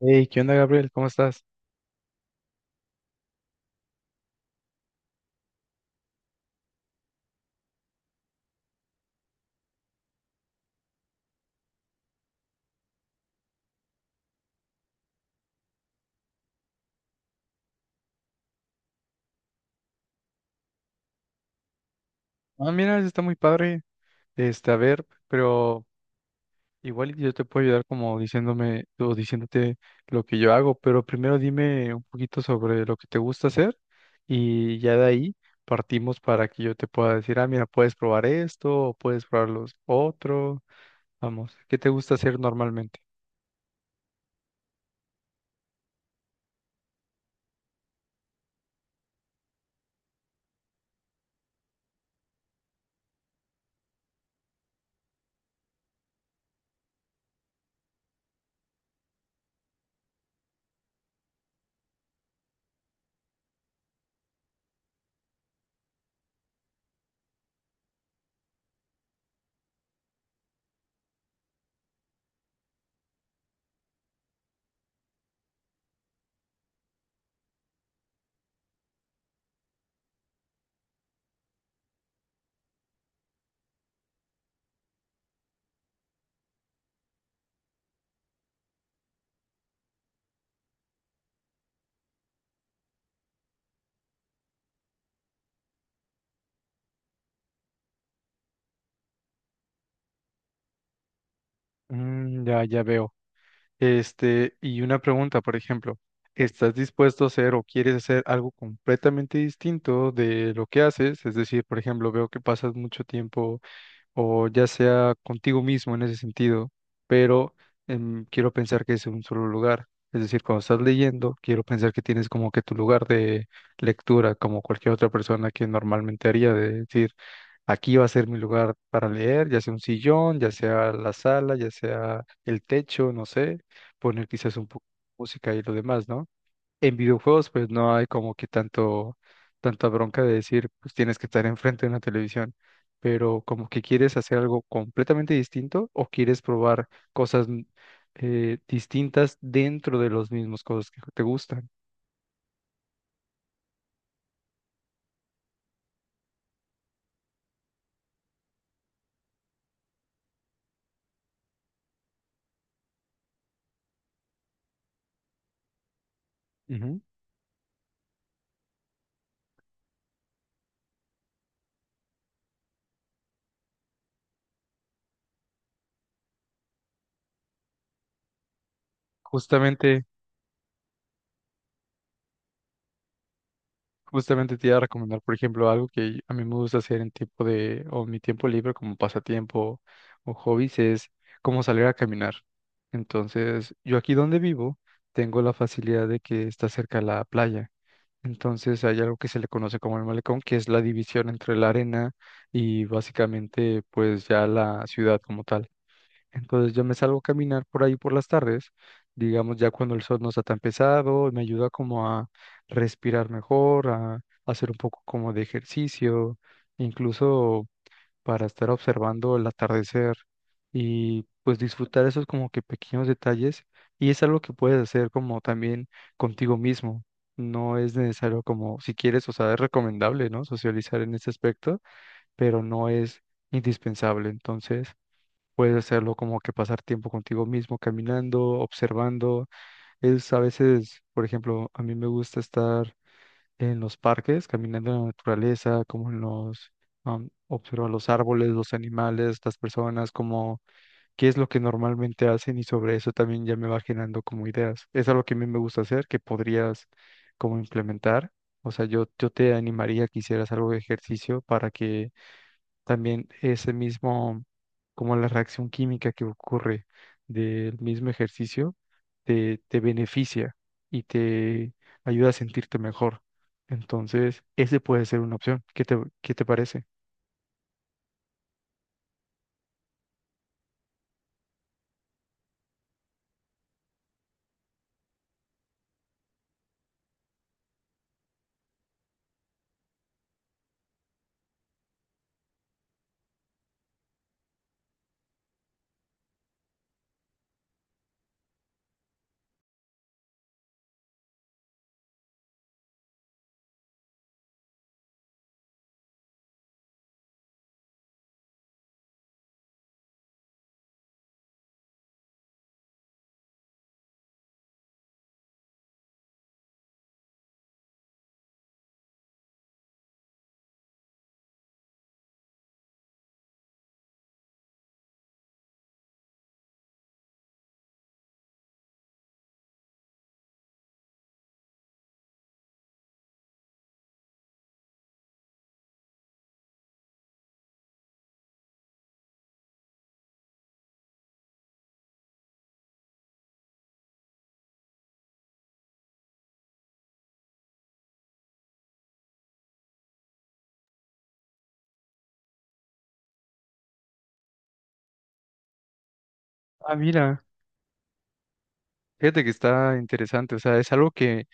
Hey, ¿qué onda, Gabriel? ¿Cómo estás? Ah, mira, eso está muy padre. Este, a ver, pero igual y yo te puedo ayudar como diciéndome o diciéndote lo que yo hago, pero primero dime un poquito sobre lo que te gusta hacer y ya de ahí partimos para que yo te pueda decir, ah, mira, puedes probar esto o puedes probar los otros. Vamos, ¿qué te gusta hacer normalmente? Mm, ya, ya veo. Este, y una pregunta, por ejemplo, ¿estás dispuesto a hacer o quieres hacer algo completamente distinto de lo que haces? Es decir, por ejemplo, veo que pasas mucho tiempo o ya sea contigo mismo en ese sentido, pero quiero pensar que es un solo lugar. Es decir, cuando estás leyendo, quiero pensar que tienes como que tu lugar de lectura, como cualquier otra persona que normalmente haría, de decir, aquí va a ser mi lugar para leer, ya sea un sillón, ya sea la sala, ya sea el techo, no sé, poner quizás un poco de música y lo demás, ¿no? En videojuegos, pues no hay como que tanto, tanta bronca de decir, pues tienes que estar enfrente de una televisión, pero como que quieres hacer algo completamente distinto o quieres probar cosas distintas dentro de los mismos cosas que te gustan. Ujú. Justamente Justamente te iba a recomendar, por ejemplo, algo que a mí me gusta hacer en tiempo de, o en mi tiempo libre como pasatiempo o hobbies es como salir a caminar. Entonces, yo aquí donde vivo tengo la facilidad de que está cerca la playa. Entonces, hay algo que se le conoce como el malecón, que es la división entre la arena y básicamente pues ya la ciudad como tal. Entonces yo me salgo a caminar por ahí por las tardes, digamos ya cuando el sol no está tan pesado, me ayuda como a respirar mejor, a hacer un poco como de ejercicio, incluso para estar observando el atardecer y pues disfrutar esos como que pequeños detalles y es algo que puedes hacer como también contigo mismo. No es necesario como, si quieres, o sea, es recomendable, ¿no? Socializar en ese aspecto, pero no es indispensable. Entonces, puedes hacerlo como que pasar tiempo contigo mismo, caminando, observando. Es a veces, por ejemplo, a mí me gusta estar en los parques, caminando en la naturaleza, como en los, observar los árboles, los animales, las personas, como qué es lo que normalmente hacen y sobre eso también ya me va generando como ideas. Es algo que a mí me gusta hacer, que podrías como implementar. O sea, yo te animaría que hicieras algo de ejercicio para que también ese mismo, como la reacción química que ocurre del mismo ejercicio, te beneficia y te ayuda a sentirte mejor. Entonces, ese puede ser una opción. Qué te parece? Ah, mira, fíjate que está interesante. O sea, es algo que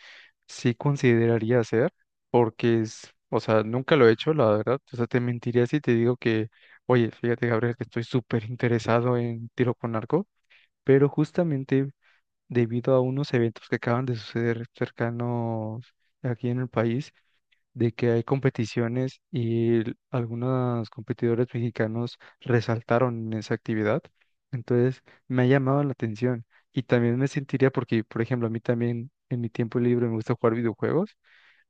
sí consideraría hacer porque es, o sea, nunca lo he hecho, la verdad. O sea, te mentiría si te digo que, oye, fíjate, Gabriel, que estoy súper interesado en tiro con arco, pero justamente debido a unos eventos que acaban de suceder cercanos aquí en el país, de que hay competiciones y l- algunos competidores mexicanos resaltaron en esa actividad. Entonces, me ha llamado la atención y también me sentiría porque, por ejemplo, a mí también en mi tiempo libre me gusta jugar videojuegos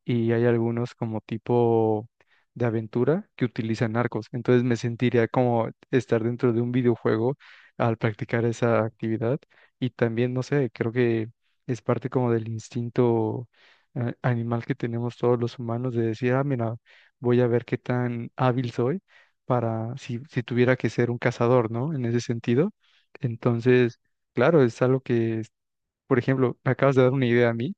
y hay algunos como tipo de aventura que utilizan arcos. Entonces me sentiría como estar dentro de un videojuego al practicar esa actividad. Y también, no sé, creo que es parte como del instinto animal que tenemos todos los humanos de decir, ah, mira, voy a ver qué tan hábil soy para si, si tuviera que ser un cazador, ¿no? En ese sentido. Entonces, claro, es algo que, por ejemplo, me acabas de dar una idea a mí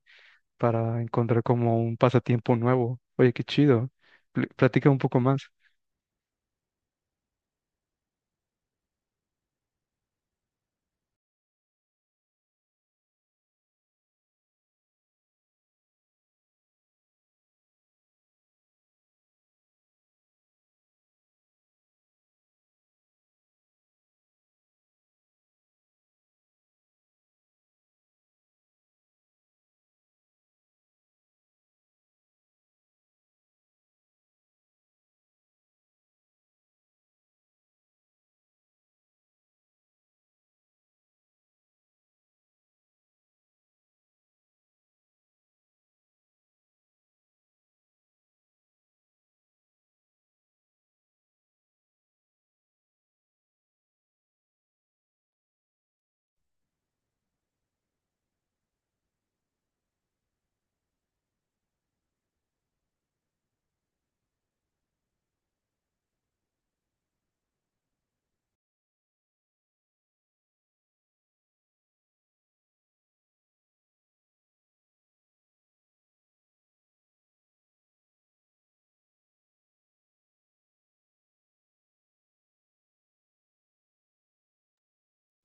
para encontrar como un pasatiempo nuevo. Oye, qué chido. Pl- Platica un poco más.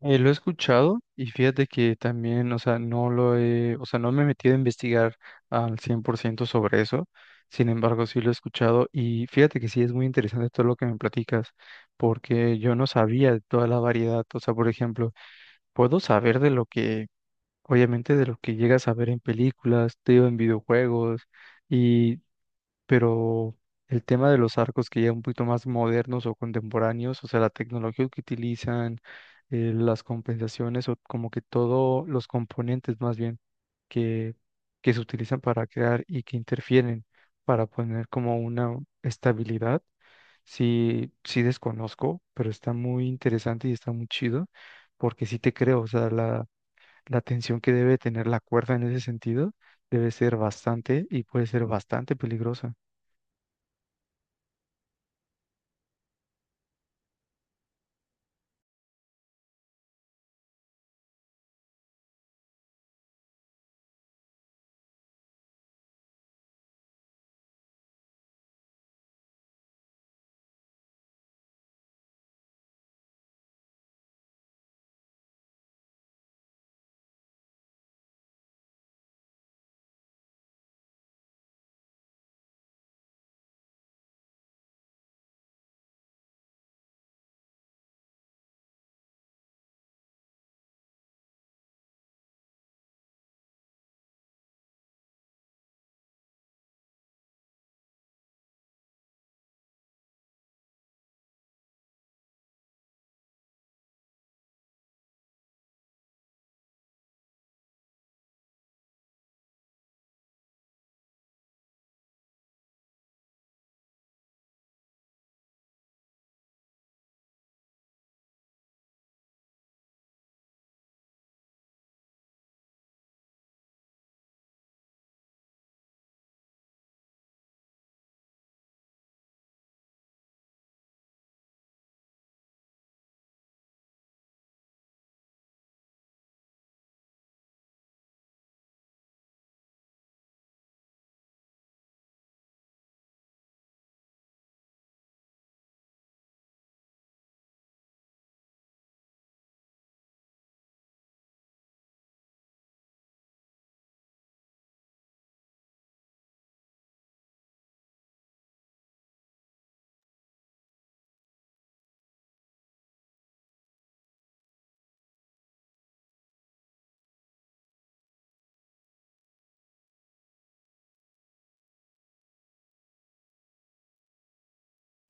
Lo he escuchado y fíjate que también, o sea, no lo he, o sea, no me he metido a investigar al 100% sobre eso. Sin embargo, sí lo he escuchado y fíjate que sí es muy interesante todo lo que me platicas, porque yo no sabía de toda la variedad. O sea, por ejemplo, puedo saber de lo que, obviamente, de lo que llegas a ver en películas, te digo, en videojuegos, pero el tema de los arcos que ya un poquito más modernos o contemporáneos, o sea, la tecnología que utilizan, las compensaciones o como que todos los componentes más bien que, que se utilizan para crear y que interfieren para poner como una estabilidad. Sí, sí desconozco, pero está muy interesante y está muy chido, porque sí te creo, o sea, la tensión que debe tener la cuerda en ese sentido debe ser bastante y puede ser bastante peligrosa.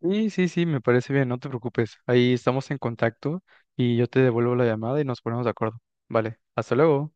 Sí, sí, sí, me parece bien, no te preocupes. Ahí estamos en contacto y yo te devuelvo la llamada y nos ponemos de acuerdo. Vale, hasta luego.